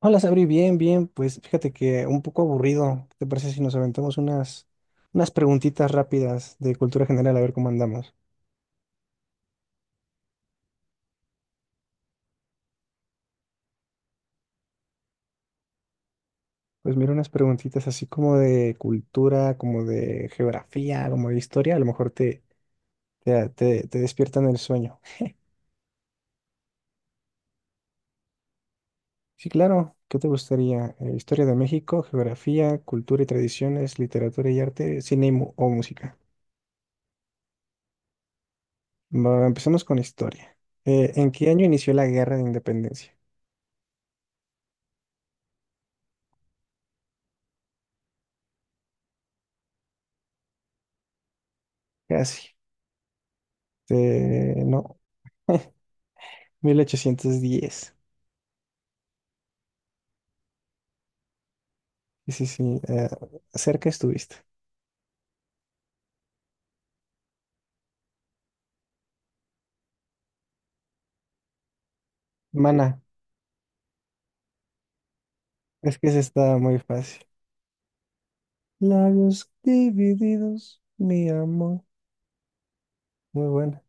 Hola, Sabri, bien, bien. Pues fíjate que un poco aburrido. ¿Qué te parece si nos aventamos unas preguntitas rápidas de cultura general a ver cómo andamos? Pues mira, unas preguntitas así como de cultura, como de geografía, como de historia. A lo mejor te despiertan el sueño. Sí, claro. ¿Qué te gustaría? Historia de México, geografía, cultura y tradiciones, literatura y arte, cine y o música. Bueno, empecemos con historia. ¿En qué año inició la Guerra de Independencia? Casi. No. 1810. Sí, sí, sí. Cerca estuviste. Mana, es que se está muy fácil. Labios divididos, mi amor. Muy buena.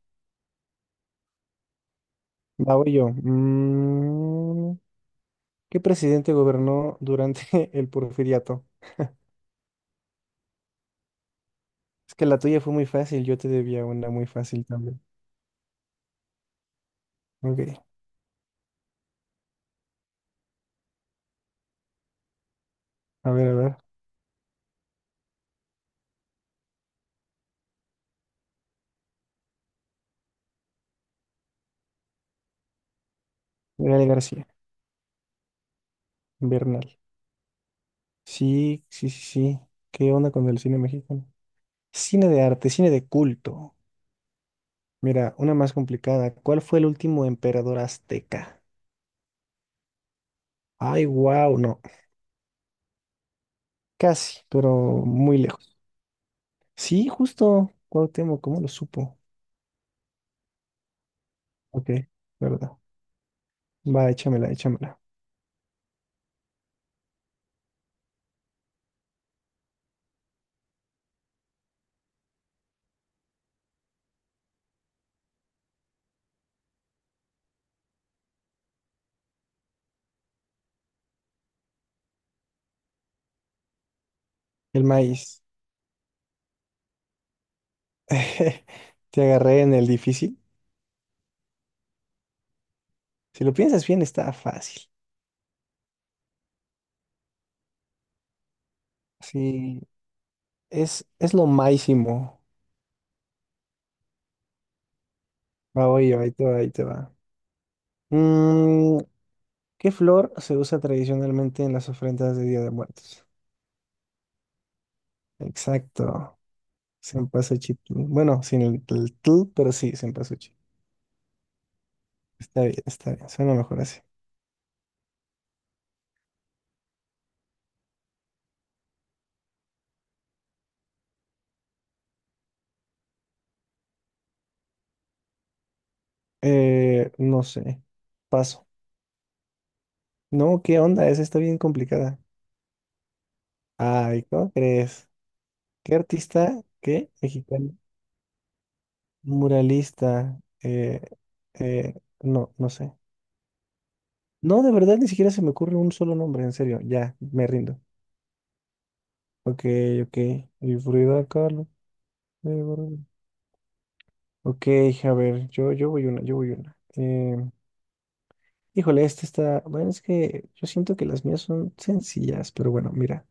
Va, voy yo. ¿Qué presidente gobernó durante el porfiriato? Es que la tuya fue muy fácil, yo te debía una muy fácil también. Ok, a ver, a ver. Gael García, Bernal. Sí, sí, sí, sí. ¿Qué onda con el cine mexicano? Cine de arte, cine de culto. Mira, una más complicada. ¿Cuál fue el último emperador azteca? Ay, wow, no. Casi, pero muy lejos. Sí, justo. Cuauhtémoc, ¿cómo lo supo? Ok, verdad. Va, échamela, échamela. El maíz. Te agarré en el difícil. Si lo piensas bien, está fácil. Sí, es lo máximo. Va, oye, ahí te va, ahí te va. Mm, ¿Qué flor se usa tradicionalmente en las ofrendas de Día de Muertos? Exacto. Senpazuchi. Bueno, sin el, el tú, pero sí, Senpazuchi. Está bien, está bien. Suena mejor así. No sé. Paso. No, ¿qué onda? Esa está bien complicada. Ay, ¿cómo crees? ¿Qué artista? ¿Qué? Mexicano. Muralista. Eh, no, no sé. No, de verdad, ni siquiera se me ocurre un solo nombre, en serio. Ya, me rindo. Ok, ok. Y Frida Kahlo. Bueno. Ok, a ver, yo voy una, yo voy una. Híjole, esta está. Bueno, es que yo siento que las mías son sencillas, pero bueno, mira.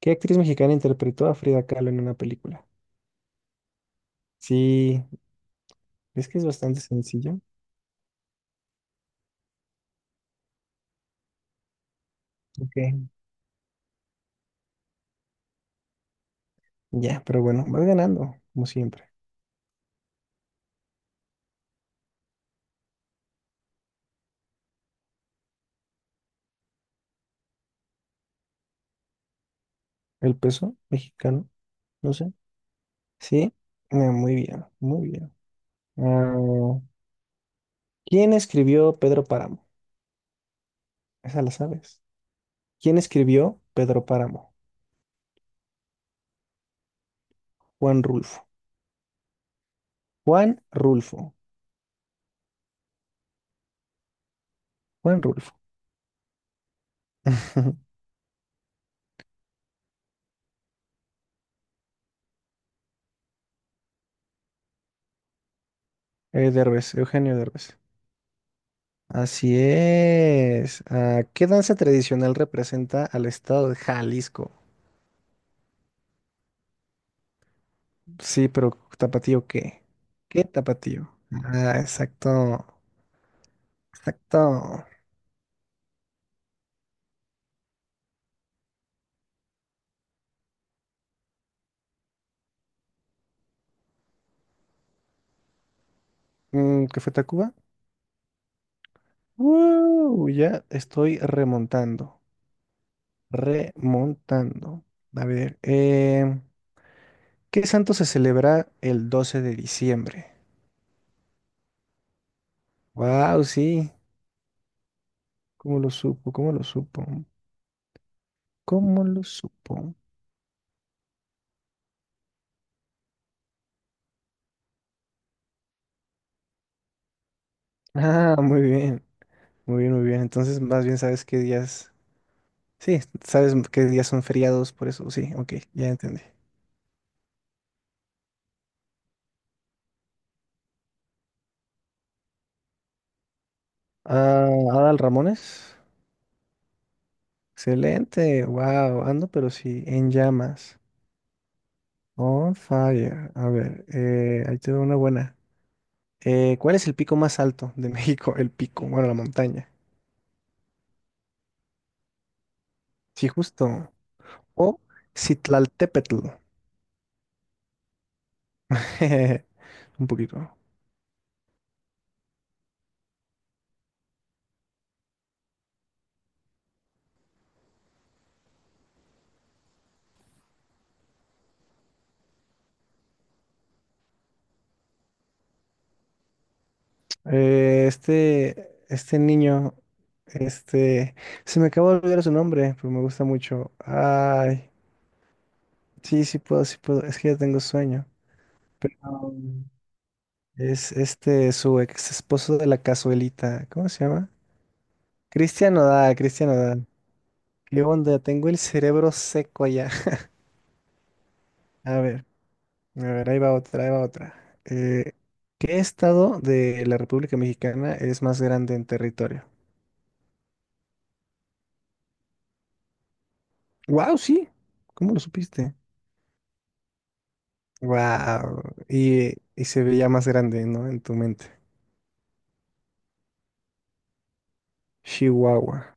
¿Qué actriz mexicana interpretó a Frida Kahlo en una película? Sí, es que es bastante sencillo. Ok. Ya, pero bueno, vas ganando, como siempre. El peso mexicano, no sé. Sí, ah, muy bien, muy bien. Ah, ¿quién escribió Pedro Páramo? Esa la sabes. ¿Quién escribió Pedro Páramo? Juan Rulfo. Juan Rulfo. Juan Rulfo. Derbez, Eugenio Derbez. Así es. Ah, ¿qué danza tradicional representa al estado de Jalisco? Sí, pero ¿tapatío qué? ¿Qué tapatío? Ah, exacto. Exacto. ¿Qué fue Tacuba? ¡Woo! Ya estoy remontando. Remontando. A ver, ¿qué santo se celebra el 12 de diciembre? Wow, sí. ¿Cómo lo supo? ¿Cómo lo supo? ¿Cómo lo supo? Ah, muy bien. Muy bien, muy bien. Entonces, más bien sabes qué días. Sí, sabes qué días son feriados, por eso sí, ok, ya entendí. Ah, Adal Ramones. Excelente, wow, ando, pero sí, en llamas. On fire. A ver, ahí te veo una buena. ¿Cuál es el pico más alto de México? El pico, bueno, la montaña. Sí, justo. O Citlaltépetl. Un poquito. Este niño, este, se me acabó de olvidar su nombre, pero me gusta mucho. Ay, sí, sí puedo, es que ya tengo sueño. Pero es este, su ex esposo de la cazuelita, ¿cómo se llama? Cristian Nodal, Cristian Nodal. ¿Qué onda? Tengo el cerebro seco ya. A ver, a ver, ahí va otra, ahí va otra. ¿Qué estado de la República Mexicana es más grande en territorio? Wow, sí, ¿cómo lo supiste? Wow. Y se veía más grande, ¿no? En tu mente. Chihuahua.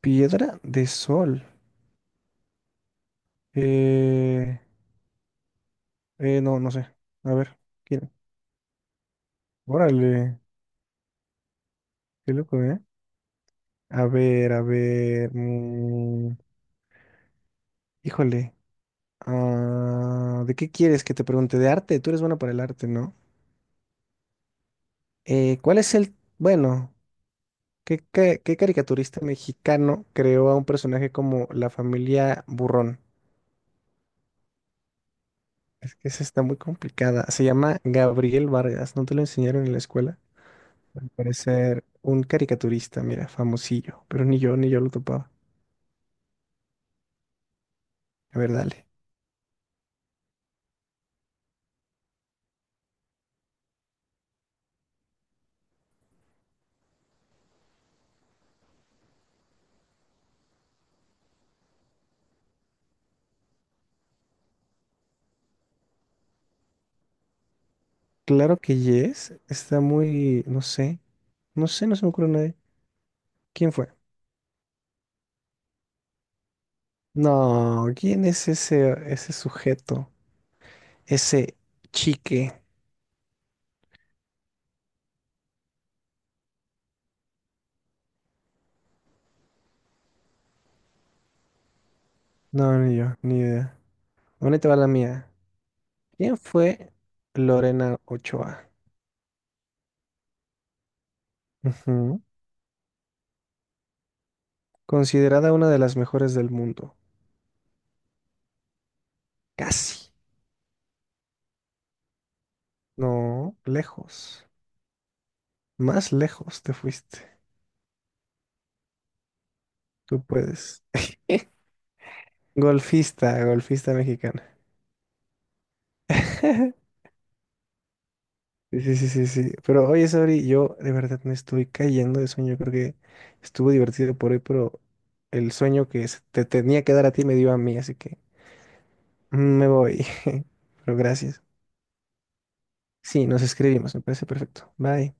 Piedra de sol. Eh, no, no sé. A ver. ¿Quién? Órale. Qué loco, ¿eh? A ver, a ver. Híjole. Ah, ¿de qué quieres que te pregunte? De arte. Tú eres bueno para el arte, ¿no? ¿Cuál es el... Bueno, ¿qué caricaturista mexicano creó a un personaje como la familia Burrón? Es que esa está muy complicada. Se llama Gabriel Vargas. ¿No te lo enseñaron en la escuela? Al parecer, un caricaturista, mira, famosillo. Pero ni yo lo topaba. A ver, dale. Claro que Yes está muy, no sé. No sé, no se me ocurre nadie. ¿Quién fue? No, ¿quién es ese, ese sujeto? Ese chique. No, ni yo, ni idea. ¿Dónde te va la mía? ¿Quién fue Lorena Ochoa? Ujú. Considerada una de las mejores del mundo. Casi. No, lejos. Más lejos te fuiste. Tú puedes. Golfista, golfista mexicana. Sí, sí, sí, sí, sí. Pero oye, Sabri, yo de verdad me estoy cayendo de sueño. Creo que estuvo divertido por hoy, pero el sueño que se te tenía que dar a ti me dio a mí, así que mm, me voy. Pero gracias. Sí, nos escribimos, me parece perfecto. Bye.